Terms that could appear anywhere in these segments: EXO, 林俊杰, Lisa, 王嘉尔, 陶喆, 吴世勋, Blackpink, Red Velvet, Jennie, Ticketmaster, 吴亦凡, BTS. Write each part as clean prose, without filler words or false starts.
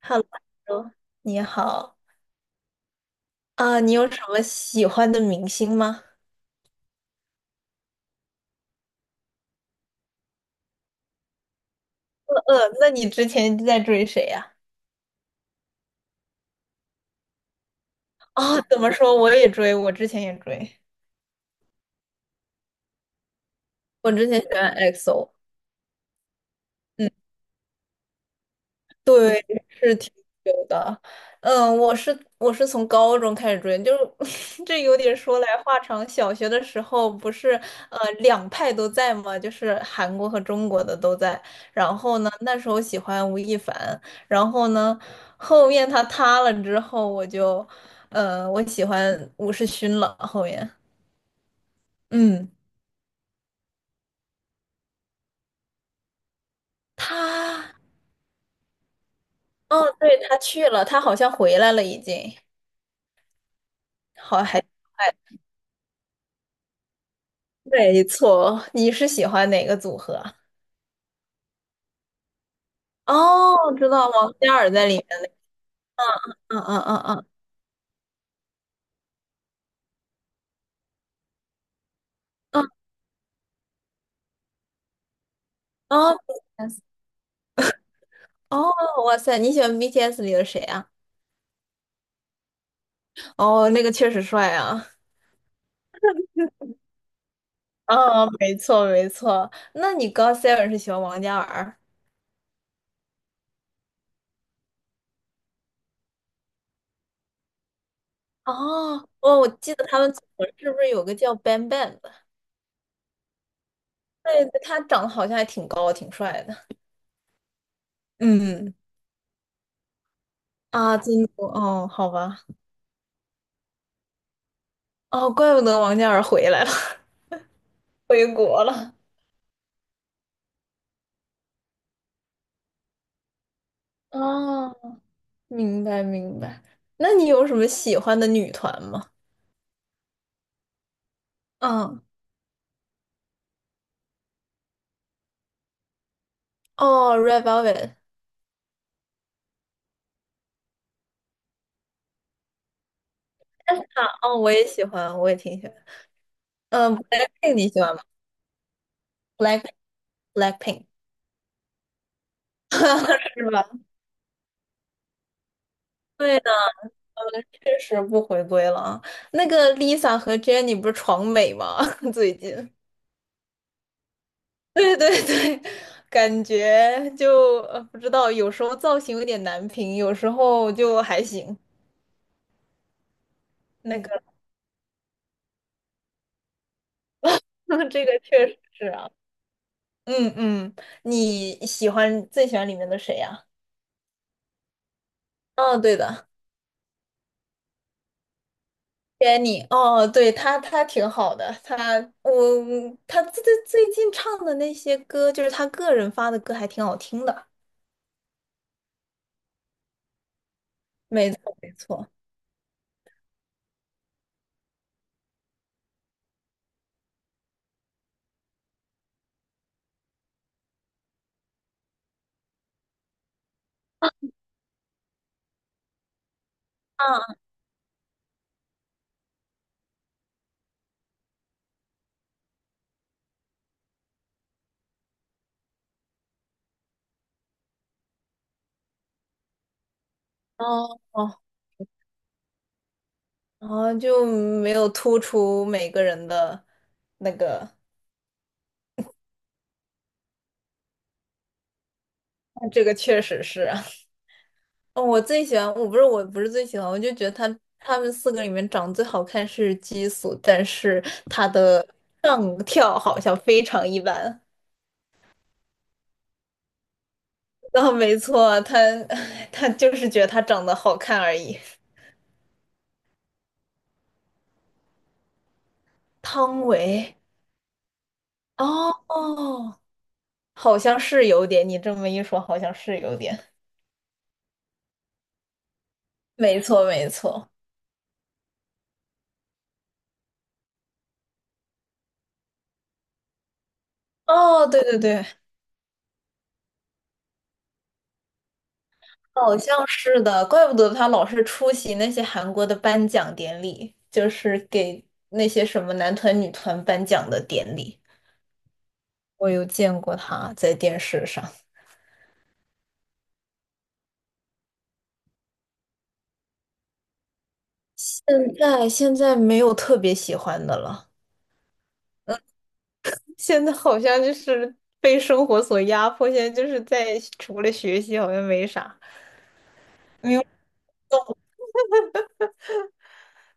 Hello，你好啊你有什么喜欢的明星吗？那你之前在追谁呀？哦，怎么说？我也追，我之前也追，我之前喜欢 EXO。嗯。对，是挺久的。嗯，我是从高中开始追，就是 这有点说来话长。小学的时候不是两派都在嘛，就是韩国和中国的都在。然后呢，那时候喜欢吴亦凡，然后呢，后面他塌了之后，我喜欢吴世勋了。后面，嗯，他哦，对，他去了，他好像回来了，已经，好还。没错，你是喜欢哪个组合？哦，知道王嘉尔在里面。嗯嗯嗯嗯嗯，哦 BTS 哦，哇塞，你喜欢 BTS 里的谁啊？哦，那个确实帅啊。哦，没错没错。那你 g o e n 是喜欢王嘉尔？哦，哦，我记得他们组合是不是有个叫 Bang Bang 的？对，对他长得好像还挺高，挺帅的。嗯，啊，真的哦，好吧，哦，怪不得王嘉尔回来了，回国了。哦。明白明白。那你有什么喜欢的女团吗？嗯哦，Red Velvet，啊，哦，我也喜欢，我也挺喜欢。嗯，Blackpink 你喜欢吗？Black Blackpink 是吧？对的，确实不回归了啊。那个 Lisa 和 Jennie 不是闯美吗？最近，对对对，感觉就不知道，有时候造型有点难评，有时候就还行。那个，这个确实是啊。嗯嗯，你喜欢最喜欢里面的谁呀、哦，对的，Jenny，哦，对，她挺好的，我她最近唱的那些歌，就是她个人发的歌，还挺好听的。没错，啊哦哦，然后就没有突出每个人的那个，这个确实是，哦，我最喜欢，我不是最喜欢，我就觉得他们四个里面长得最好看是激素，但是他的上跳好像非常一般。啊，没错，他 他就是觉得他长得好看而已。汤唯，哦哦，好像是有点，你这么一说，好像是有点。没错，没错。哦，对对对，好像是的，怪不得他老是出席那些韩国的颁奖典礼，就是给那些什么男团、女团颁奖的典礼。我有见过他在电视上。现在没有特别喜欢的了，现在好像就是被生活所压迫，现在就是在除了学习好像没啥。没有，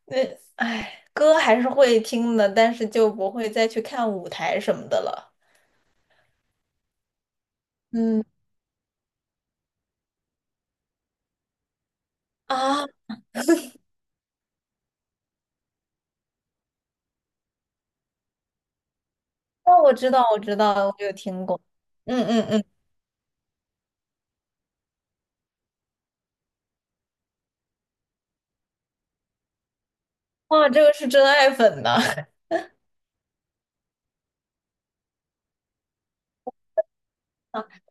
呃，哎，歌还是会听的，但是就不会再去看舞台什么的了。嗯。啊。哦，我知道，我知道，我有听过。嗯嗯嗯，哇，这个是真爱粉呐！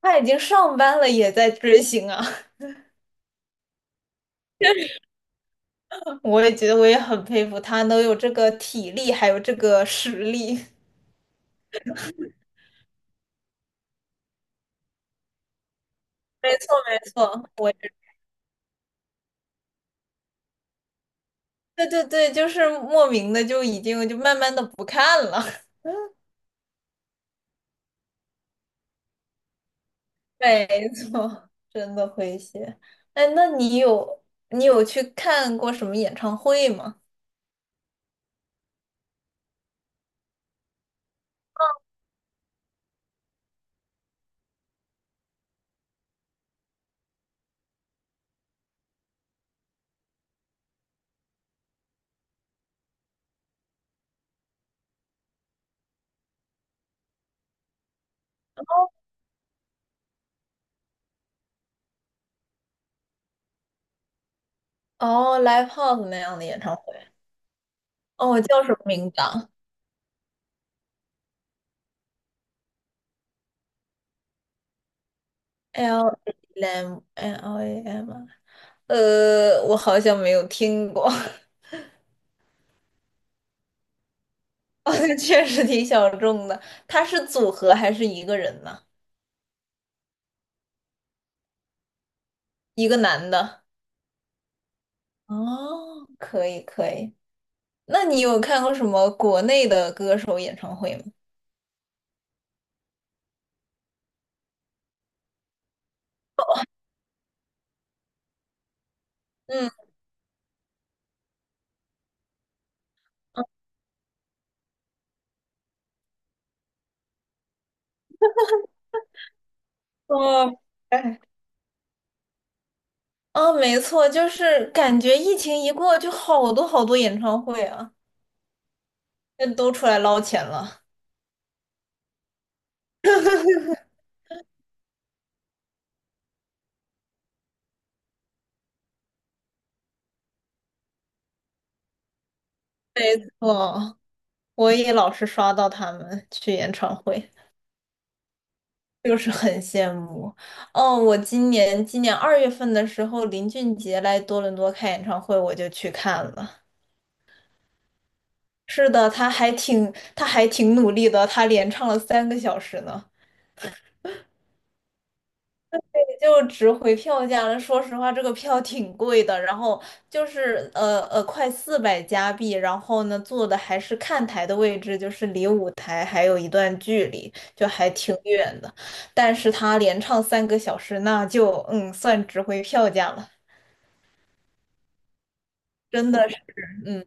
他已经上班了，也在追星啊！我也觉得，我也很佩服他，能有这个体力，还有这个实力。没错，没错，对对对，就是莫名的就已经就慢慢的不看了。没错，真的会谢。哎，那你有去看过什么演唱会吗？哦哦，Live House 那样的演唱会。哦，叫什么名字啊？L A M l A M 啊我好像没有听过，好像确实挺小众的。他是组合还是一个人呢？一个男的。哦，可以可以。那你有看过什么国内的歌手演唱会吗？嗯，哦，哎，哦，没错，就是感觉疫情一过，就好多好多演唱会啊，那都出来捞钱了。没错，我也老是刷到他们去演唱会。就是很羡慕。哦，我今年2月份的时候，林俊杰来多伦多开演唱会，我就去看了。是的，他还挺努力的，他连唱了三个小时呢，也就值回票价了。说实话，这个票挺贵的，然后就是快400加币，然后呢，坐的还是看台的位置，就是离舞台还有一段距离，就还挺远的。但是他连唱三个小时，那就嗯，算值回票价了。真的是，嗯，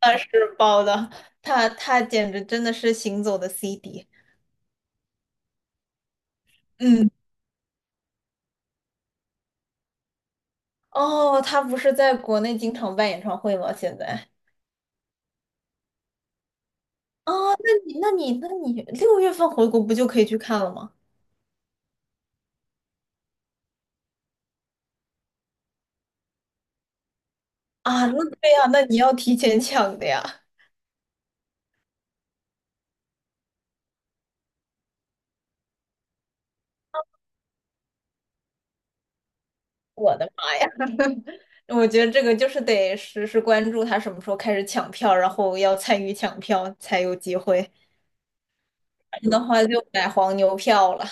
那是包的，他简直真的是行走的 CD。嗯，哦，他不是在国内经常办演唱会吗？现在哦，那你6月份回国不就可以去看了吗？啊，那对呀，那你要提前抢的呀。我的妈，我觉得这个就是得实时关注他什么时候开始抢票，然后要参与抢票才有机会，不然的话就买黄牛票了。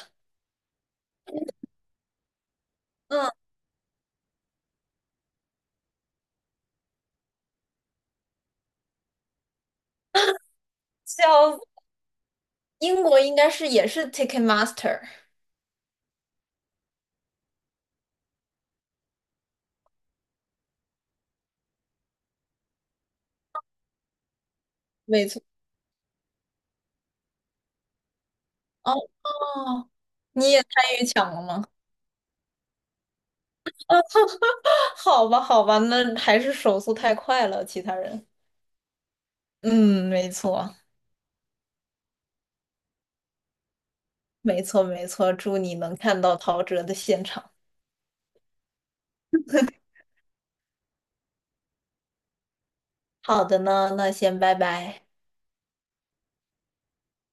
嗯，叫英国应该是也是 Ticketmaster。没错。哦哦，你也参与抢了吗？好吧，好吧，那还是手速太快了，其他人。嗯，没错，没错，没错。祝你能看到陶喆的现场。好的呢，那先拜拜。